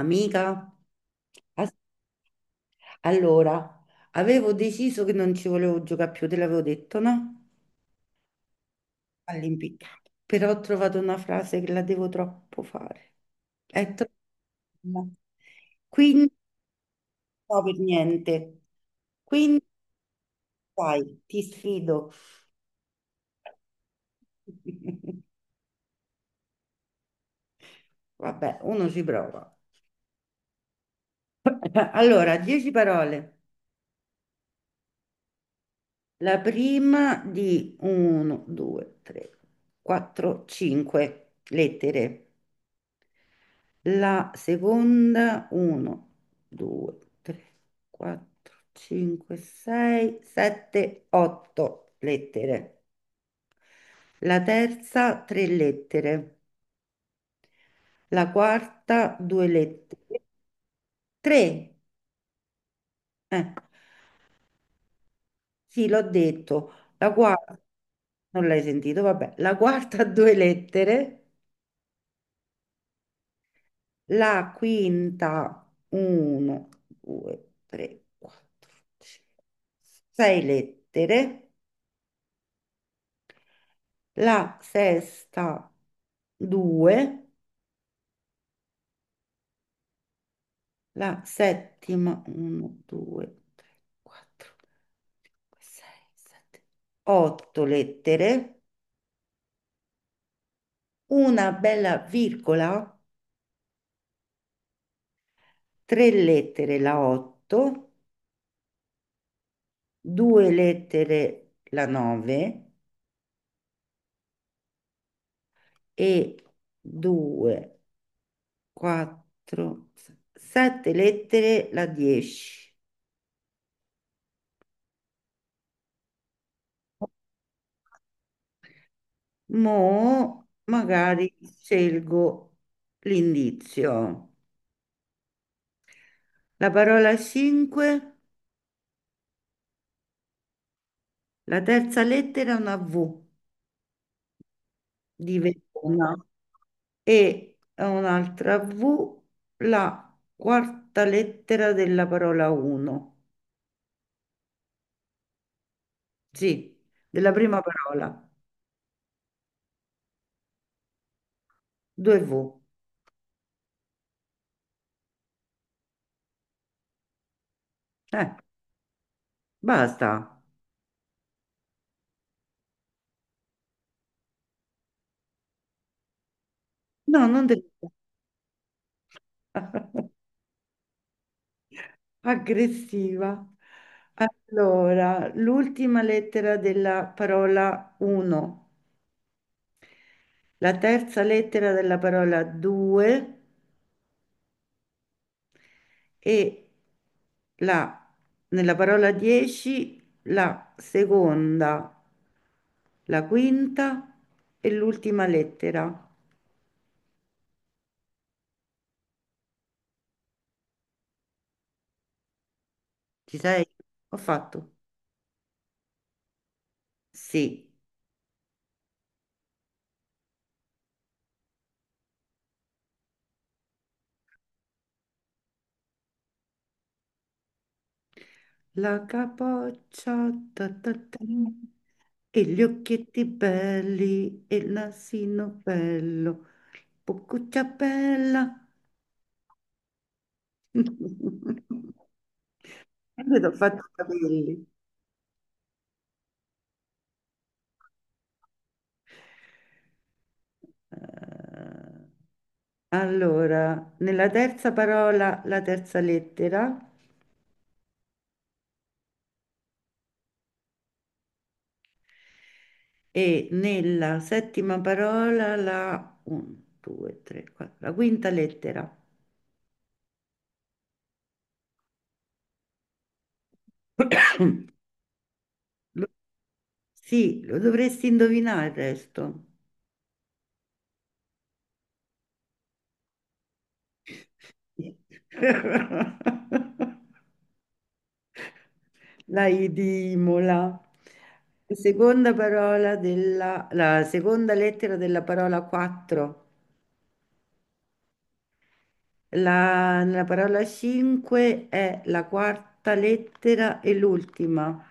Amica, as- allora, avevo deciso che non ci volevo giocare più, te l'avevo detto, no? All'impiccato. Però ho trovato una frase che la devo troppo fare. È troppo. No. Quindi, no, per niente. Quindi, dai, ti sfido. Vabbè, uno ci prova. Allora, dieci parole. La prima di 1, 2, 3, 4, 5 lettere. La seconda, 1, 2, 3, 4, 5, 6, 7, 8 lettere. La terza, 3 lettere. La quarta, 2 lettere. 3. Eh, sì, l'ho detto. La quarta, non l'hai sentito, vabbè. La quarta, 2 lettere. La quinta, 1, 2, 3, 4, 5, 6 lettere. La sesta 2, la settima 1, 2, 3, 4, 5, 6, 7, 8 lettere, una bella virgola, 3 lettere la 8, 2 lettere la 9 e 2, 4, 7 lettere la 10. Mo' magari scelgo l'indizio. La parola 5, la terza lettera è una V di Verona e un'altra V, la quarta lettera della parola 1. Sì, della prima parola. Due V. Eh, basta. No, non devo. Aggressiva. Allora, l'ultima lettera della parola 1, la terza lettera della parola 2 e la, nella parola 10 la seconda, la quinta e l'ultima lettera. Ci sei? Ho fatto. Sì. La capoccia, ta ta ta, e gli occhietti belli, e il nasino bello, boccuccia bella. Io ti ho fatto i capelli. Eh, Allora, nella terza parola la terza lettera e nella settima parola la 1, 2, 3, 4, la quinta lettera. Lo- sì, lo dovresti indovinare il resto. La I di Imola. Seconda parola della, la seconda lettera della parola 4. La, nella parola 5 è la quarta lettera e l'ultima.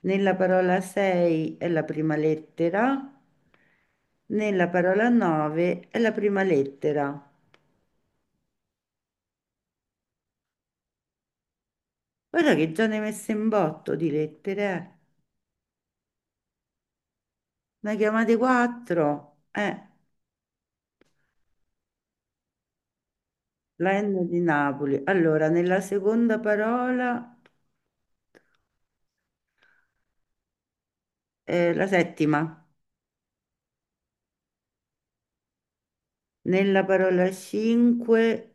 Nella parola 6 è la prima lettera. Nella parola 9 è la prima lettera. Guarda che già ne hai messe in botto di lettere, eh. Ne chiamate 4. La N di Napoli. Allora, nella seconda parola, la settima. Nella parola 5,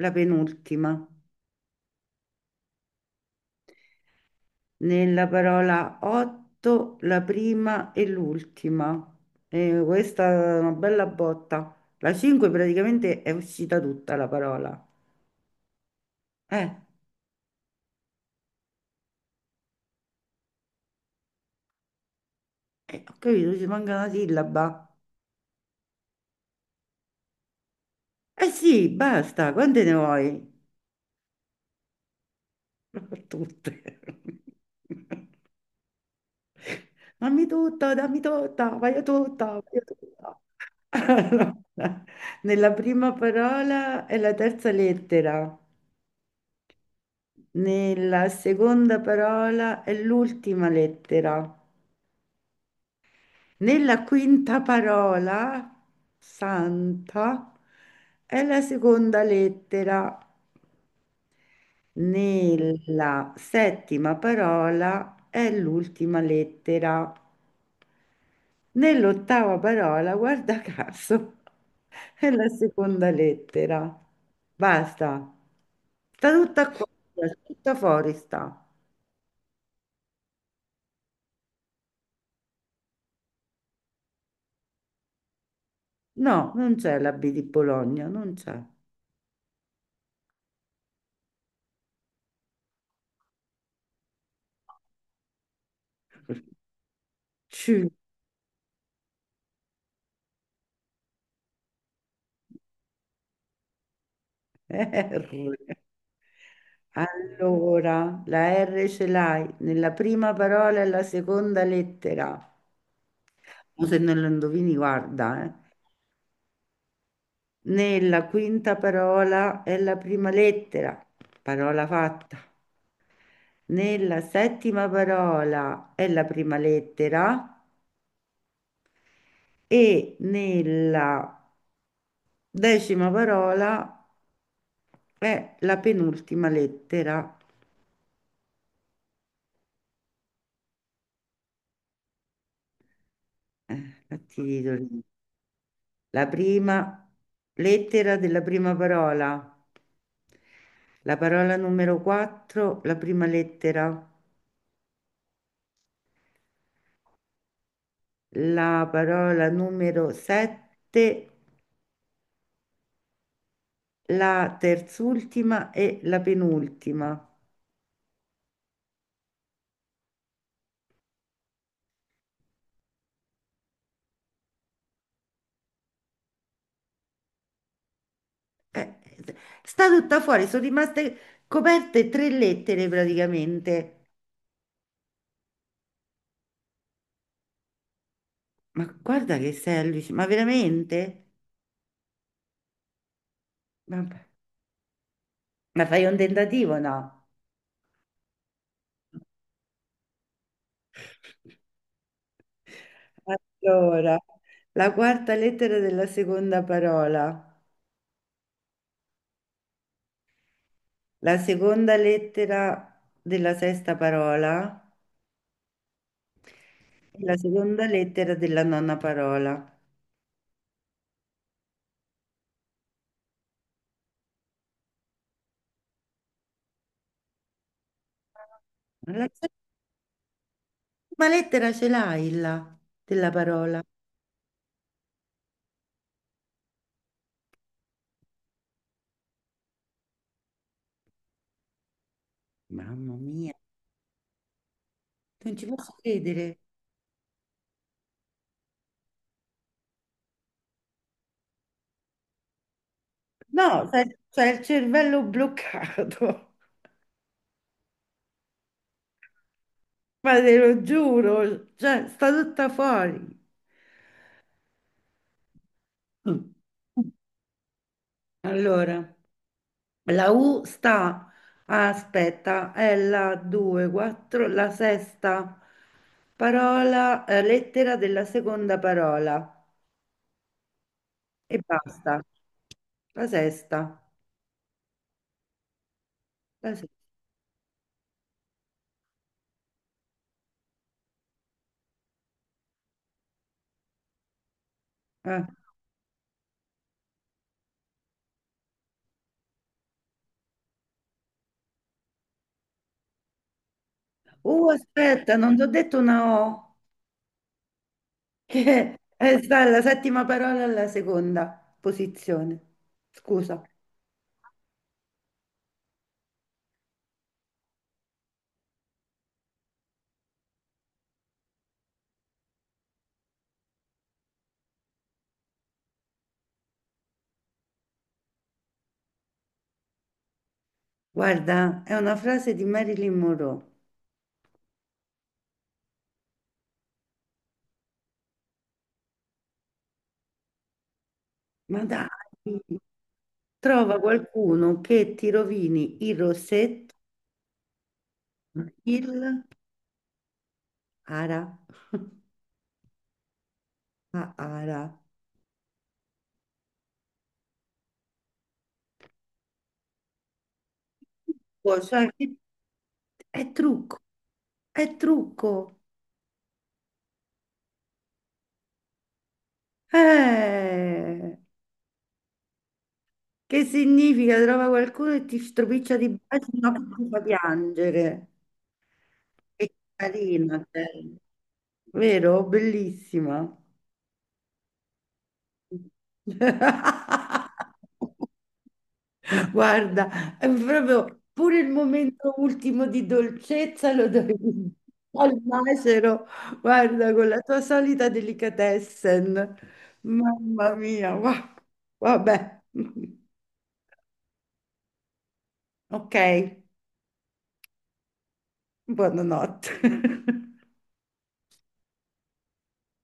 la penultima. Nella parola otto, la prima e l'ultima. E questa è una bella botta. La 5 praticamente è uscita tutta la parola. Eh, eh, ho capito, ci manca una sillaba. Eh sì, basta, quante ne vuoi? Tutte. Dammi tutto, dammi tutta, voglio tutta, voglio tutta. Allora, nella prima parola è la terza lettera. Nella seconda parola è l'ultima lettera. Nella quinta parola, santa, è la seconda lettera. Nella settima parola è l'ultima lettera. Nell'ottava parola, guarda caso, è la seconda lettera. Basta. Sta tutta qua, tutta fuori sta. No, non c'è la B di Bologna, non c'è. C, R. Allora, la R ce l'hai nella prima parola e la seconda lettera. O se non lo indovini, guarda, eh. Nella quinta parola è la prima lettera. Parola fatta. Nella settima parola è la prima lettera e nella decima parola è la penultima lettera, la ti dico lì. La prima lettera della prima parola, la parola numero 4, la prima lettera, la parola numero 7, la terzultima e la penultima. Eh, Sta tutta fuori, sono rimaste coperte tre lettere praticamente. Ma guarda che sei allucinante, ma veramente? Vabbè. Ma fai un tentativo, no? Allora, la quarta lettera della seconda parola, la seconda lettera della sesta parola e la seconda lettera della nona parola. Ma la settima lettera ce l'hai là della parola. Mamma mia, non ci posso credere. No, c'è il cervello bloccato, ma te lo giuro, cioè, sta tutta fuori. Mm. Allora. La U sta, ah, aspetta, è la 2, 4, la sesta parola, lettera della seconda parola e basta. La sesta, la sesta. Eh. Aspetta, non ti ho detto una O, che è sta la settima parola alla seconda posizione. Scusa, guarda, è una frase di Marilyn Monroe. Ma dai, trova qualcuno che ti rovini il rossetto. Il ara. Ah, ara. Oh, cioè, è trucco, è trucco. Eh, che significa? Trova qualcuno e ti stropiccia di baci, no, che ti fa piangere. Che carina, eh. Vero? Bellissima. Guarda, è proprio pure il momento ultimo di dolcezza lo dovevi al macero, guarda, con la tua solita delicatessen. Mamma mia, vabbè. Ok, buonanotte.